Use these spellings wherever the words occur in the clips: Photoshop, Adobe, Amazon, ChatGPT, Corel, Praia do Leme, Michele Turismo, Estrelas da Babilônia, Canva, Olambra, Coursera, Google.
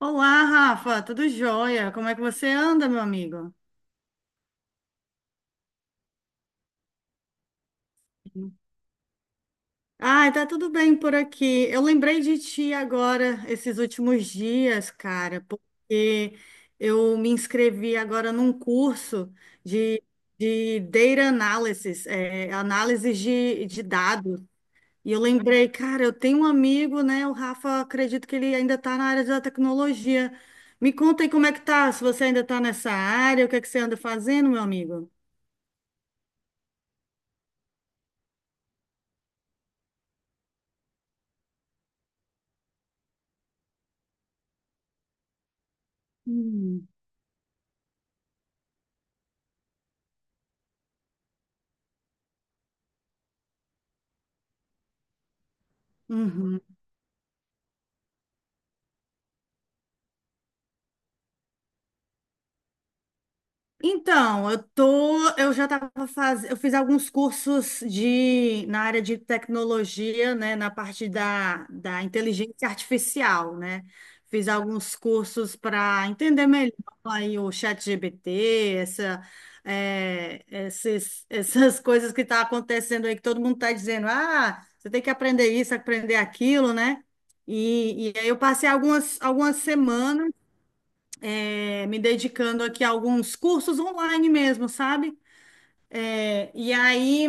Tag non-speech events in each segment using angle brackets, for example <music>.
Olá, Rafa, tudo jóia? Como é que você anda, meu amigo? Ai, tá tudo bem por aqui. Eu lembrei de ti agora, esses últimos dias, cara, porque eu me inscrevi agora num curso de, de Data Analysis, análise de dados. E eu lembrei, cara, eu tenho um amigo, né? O Rafa, acredito que ele ainda está na área da tecnologia. Me conta aí como é que tá, se você ainda está nessa área, o que é que você anda fazendo, meu amigo? Hum. Uhum. Então, eu já estava fazendo, eu fiz alguns cursos de na área de tecnologia, né, na parte da inteligência artificial, né? Fiz alguns cursos para entender melhor aí o ChatGPT, essa, essas <laughs> coisas que tá acontecendo aí que todo mundo está dizendo, ah, você tem que aprender isso, aprender aquilo, né? E aí eu passei algumas semanas me dedicando aqui a alguns cursos online mesmo, sabe? É, e aí,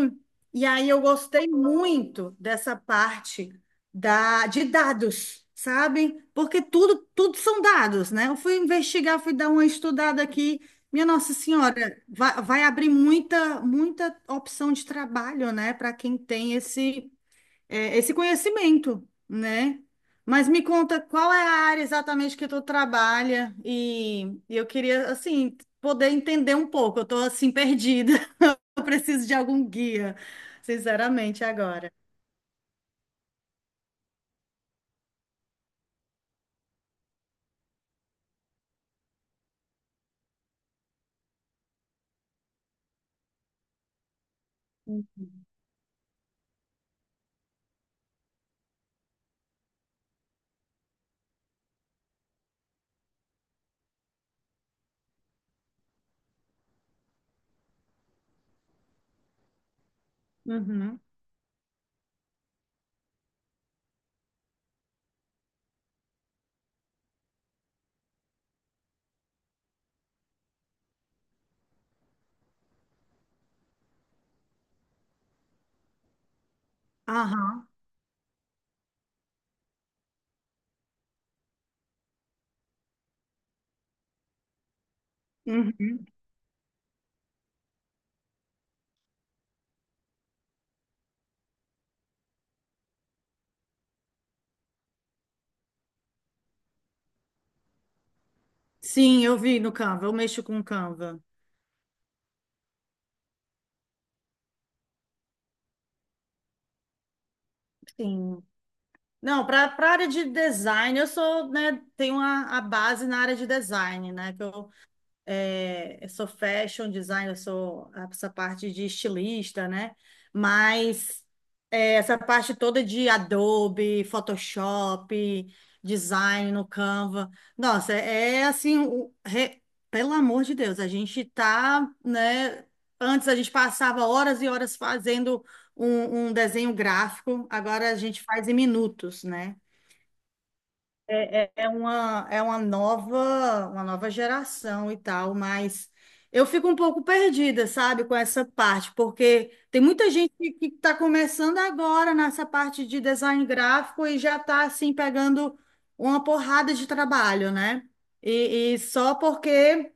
e aí eu gostei muito dessa parte de dados, sabe? Porque tudo são dados, né? Eu fui investigar, fui dar uma estudada aqui. Minha Nossa Senhora, vai abrir muita opção de trabalho, né, para quem tem esse conhecimento, né? Mas me conta qual é a área exatamente que tu trabalha e eu queria, assim, poder entender um pouco. Eu tô, assim, perdida. <laughs> Eu preciso de algum guia, sinceramente, agora. Uhum. Aham. Uhum. Sim, eu vi no Canva, eu mexo com Canva. Sim. Não, para a área de design, eu sou, né, tenho a base na área de design, né, que eu sou fashion designer, eu sou essa parte de estilista, né? Mas essa parte toda de Adobe, Photoshop, design no Canva, nossa, é assim, pelo amor de Deus, a gente tá, né? Antes a gente passava horas e horas fazendo um desenho gráfico, agora a gente faz em minutos, né? É uma nova geração e tal, mas eu fico um pouco perdida, sabe, com essa parte, porque tem muita gente que está começando agora nessa parte de design gráfico e já está assim pegando uma porrada de trabalho, né? E só porque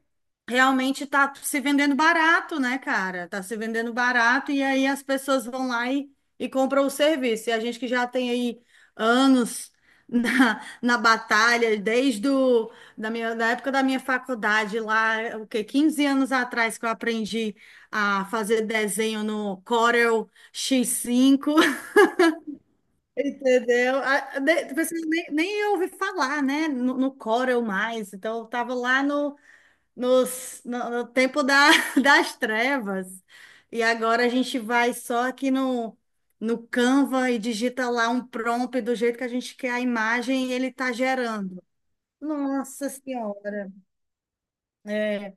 realmente tá se vendendo barato, né, cara? Tá se vendendo barato e aí as pessoas vão lá e compram o serviço. E a gente que já tem aí anos <laughs> na batalha, desde o, da minha, da época da minha faculdade lá, o quê? 15 anos atrás que eu aprendi a fazer desenho no Corel X5, <laughs> entendeu? Pessoas nem ouvi falar, né? No Corel mais. Então, eu tava lá no, nos, no, no tempo da, <laughs> das trevas. E agora a gente vai só aqui no Canva e digita lá um prompt do jeito que a gente quer a imagem e ele está gerando. Nossa Senhora! É,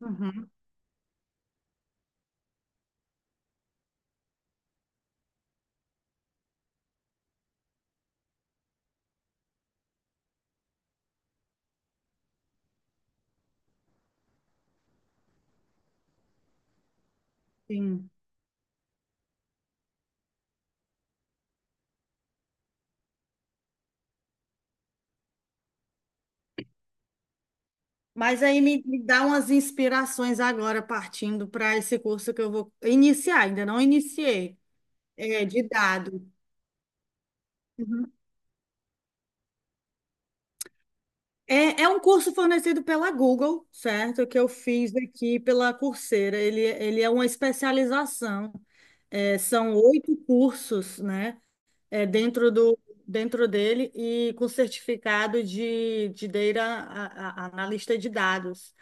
uhum, sim. Mas aí me dá umas inspirações agora, partindo para esse curso que eu vou iniciar, ainda não iniciei, é, de dado é é um curso fornecido pela Google, certo? Que eu fiz aqui pela Coursera. Ele é uma especialização. É, são 8 cursos, né? é, dentro do, dentro dele e com certificado de data analista de dados.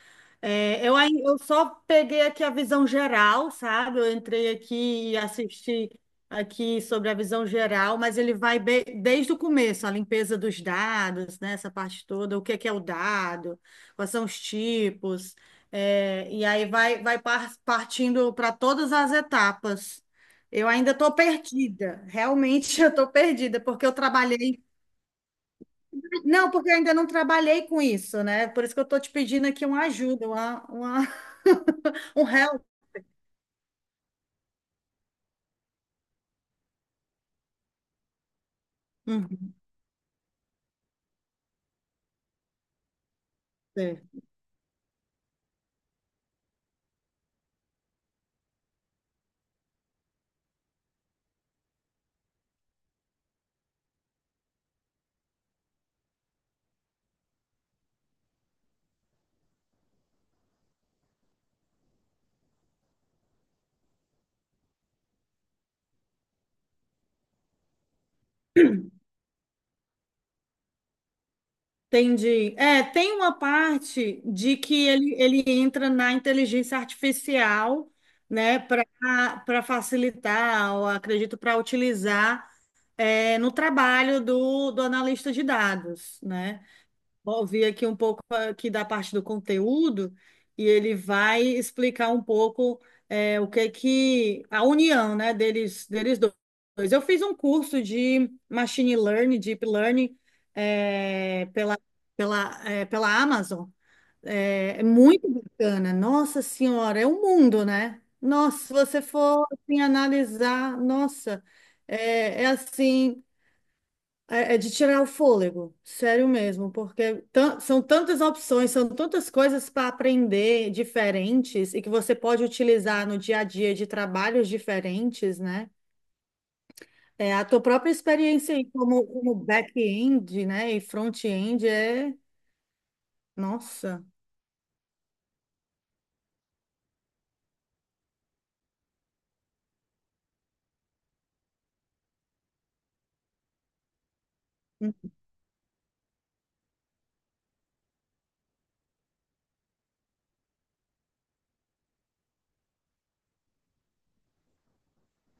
Eu só peguei aqui a visão geral, sabe? Eu entrei aqui e assisti aqui sobre a visão geral, mas desde o começo, a limpeza dos dados, né? Essa parte toda, o que é o dado, quais são os tipos, e aí partindo para todas as etapas. Eu ainda estou perdida, realmente <laughs> eu estou perdida, porque eu trabalhei. Não, porque eu ainda não trabalhei com isso, né? Por isso que eu estou te pedindo aqui uma ajuda, <laughs> um help. Hum, é. Entendi. É, tem uma parte de que ele entra na inteligência artificial, né, para facilitar, ou acredito, para utilizar no trabalho do analista de dados, né? Vou ouvir aqui um pouco aqui da parte do conteúdo e ele vai explicar um pouco o que que a união, né, deles dois. Eu fiz um curso de machine learning, deep learning é, pela, pela Amazon. É, é muito bacana. Nossa Senhora, é um mundo, né? Nossa, se você for assim, analisar, nossa, é assim. É de tirar o fôlego, sério mesmo, porque são tantas opções, são tantas coisas para aprender diferentes e que você pode utilizar no dia a dia de trabalhos diferentes, né? É, a tua própria experiência aí como back-end, né, e front-end é, nossa.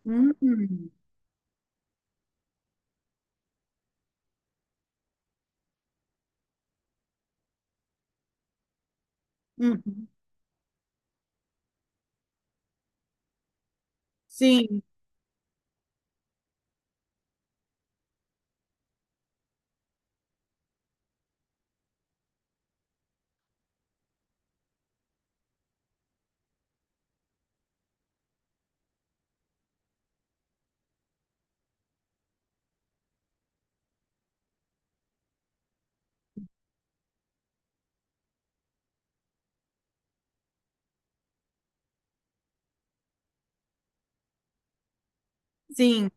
Uhum. Uhum. Sim, sim,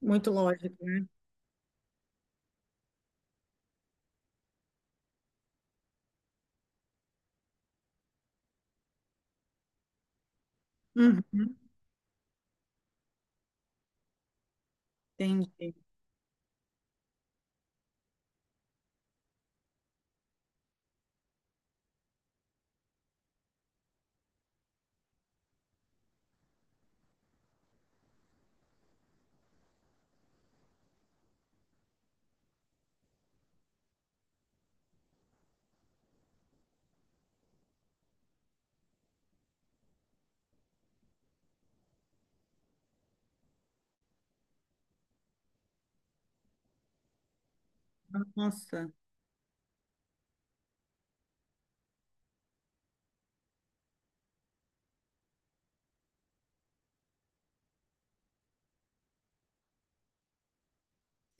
muito lógico, né? Uhum. Entendi. Nossa.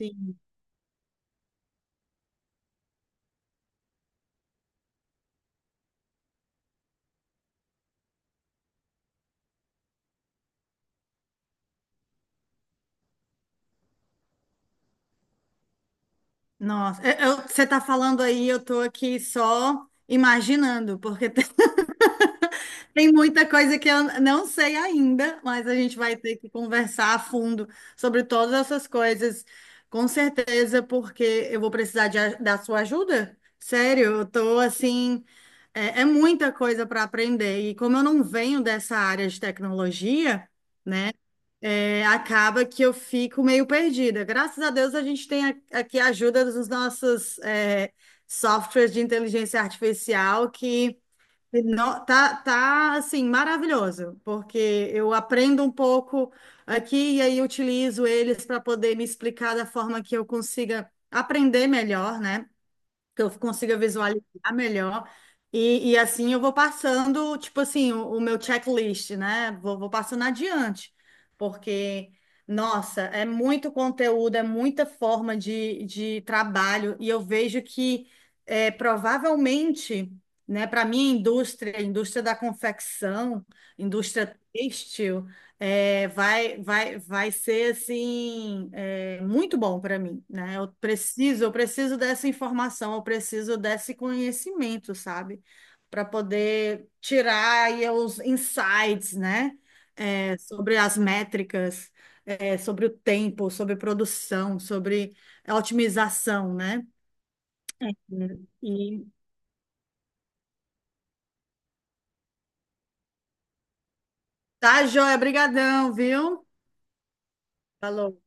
Sim. Nossa, você está falando aí, eu estou aqui só imaginando, porque tem, <laughs> tem muita coisa que eu não sei ainda, mas a gente vai ter que conversar a fundo sobre todas essas coisas, com certeza, porque eu vou precisar da sua ajuda. Sério, eu estou assim, é muita coisa para aprender, e como eu não venho dessa área de tecnologia, né? É, acaba que eu fico meio perdida. Graças a Deus a gente tem aqui a ajuda dos nossos softwares de inteligência artificial que tá, tá assim maravilhoso, porque eu aprendo um pouco aqui e aí utilizo eles para poder me explicar da forma que eu consiga aprender melhor, né? Que eu consiga visualizar melhor. E assim eu vou passando, tipo assim, o meu checklist, né? Vou passando adiante, porque, nossa, é muito conteúdo, é muita forma de trabalho, e eu vejo que é, provavelmente, né, para minha indústria, indústria da confecção, indústria têxtil, vai ser muito bom para mim, né? Eu preciso dessa informação, eu preciso desse conhecimento, sabe? Para poder tirar aí os insights, né? Sobre as métricas, sobre o tempo, sobre produção, sobre a otimização, né? E tá, joia, brigadão, viu? Falou.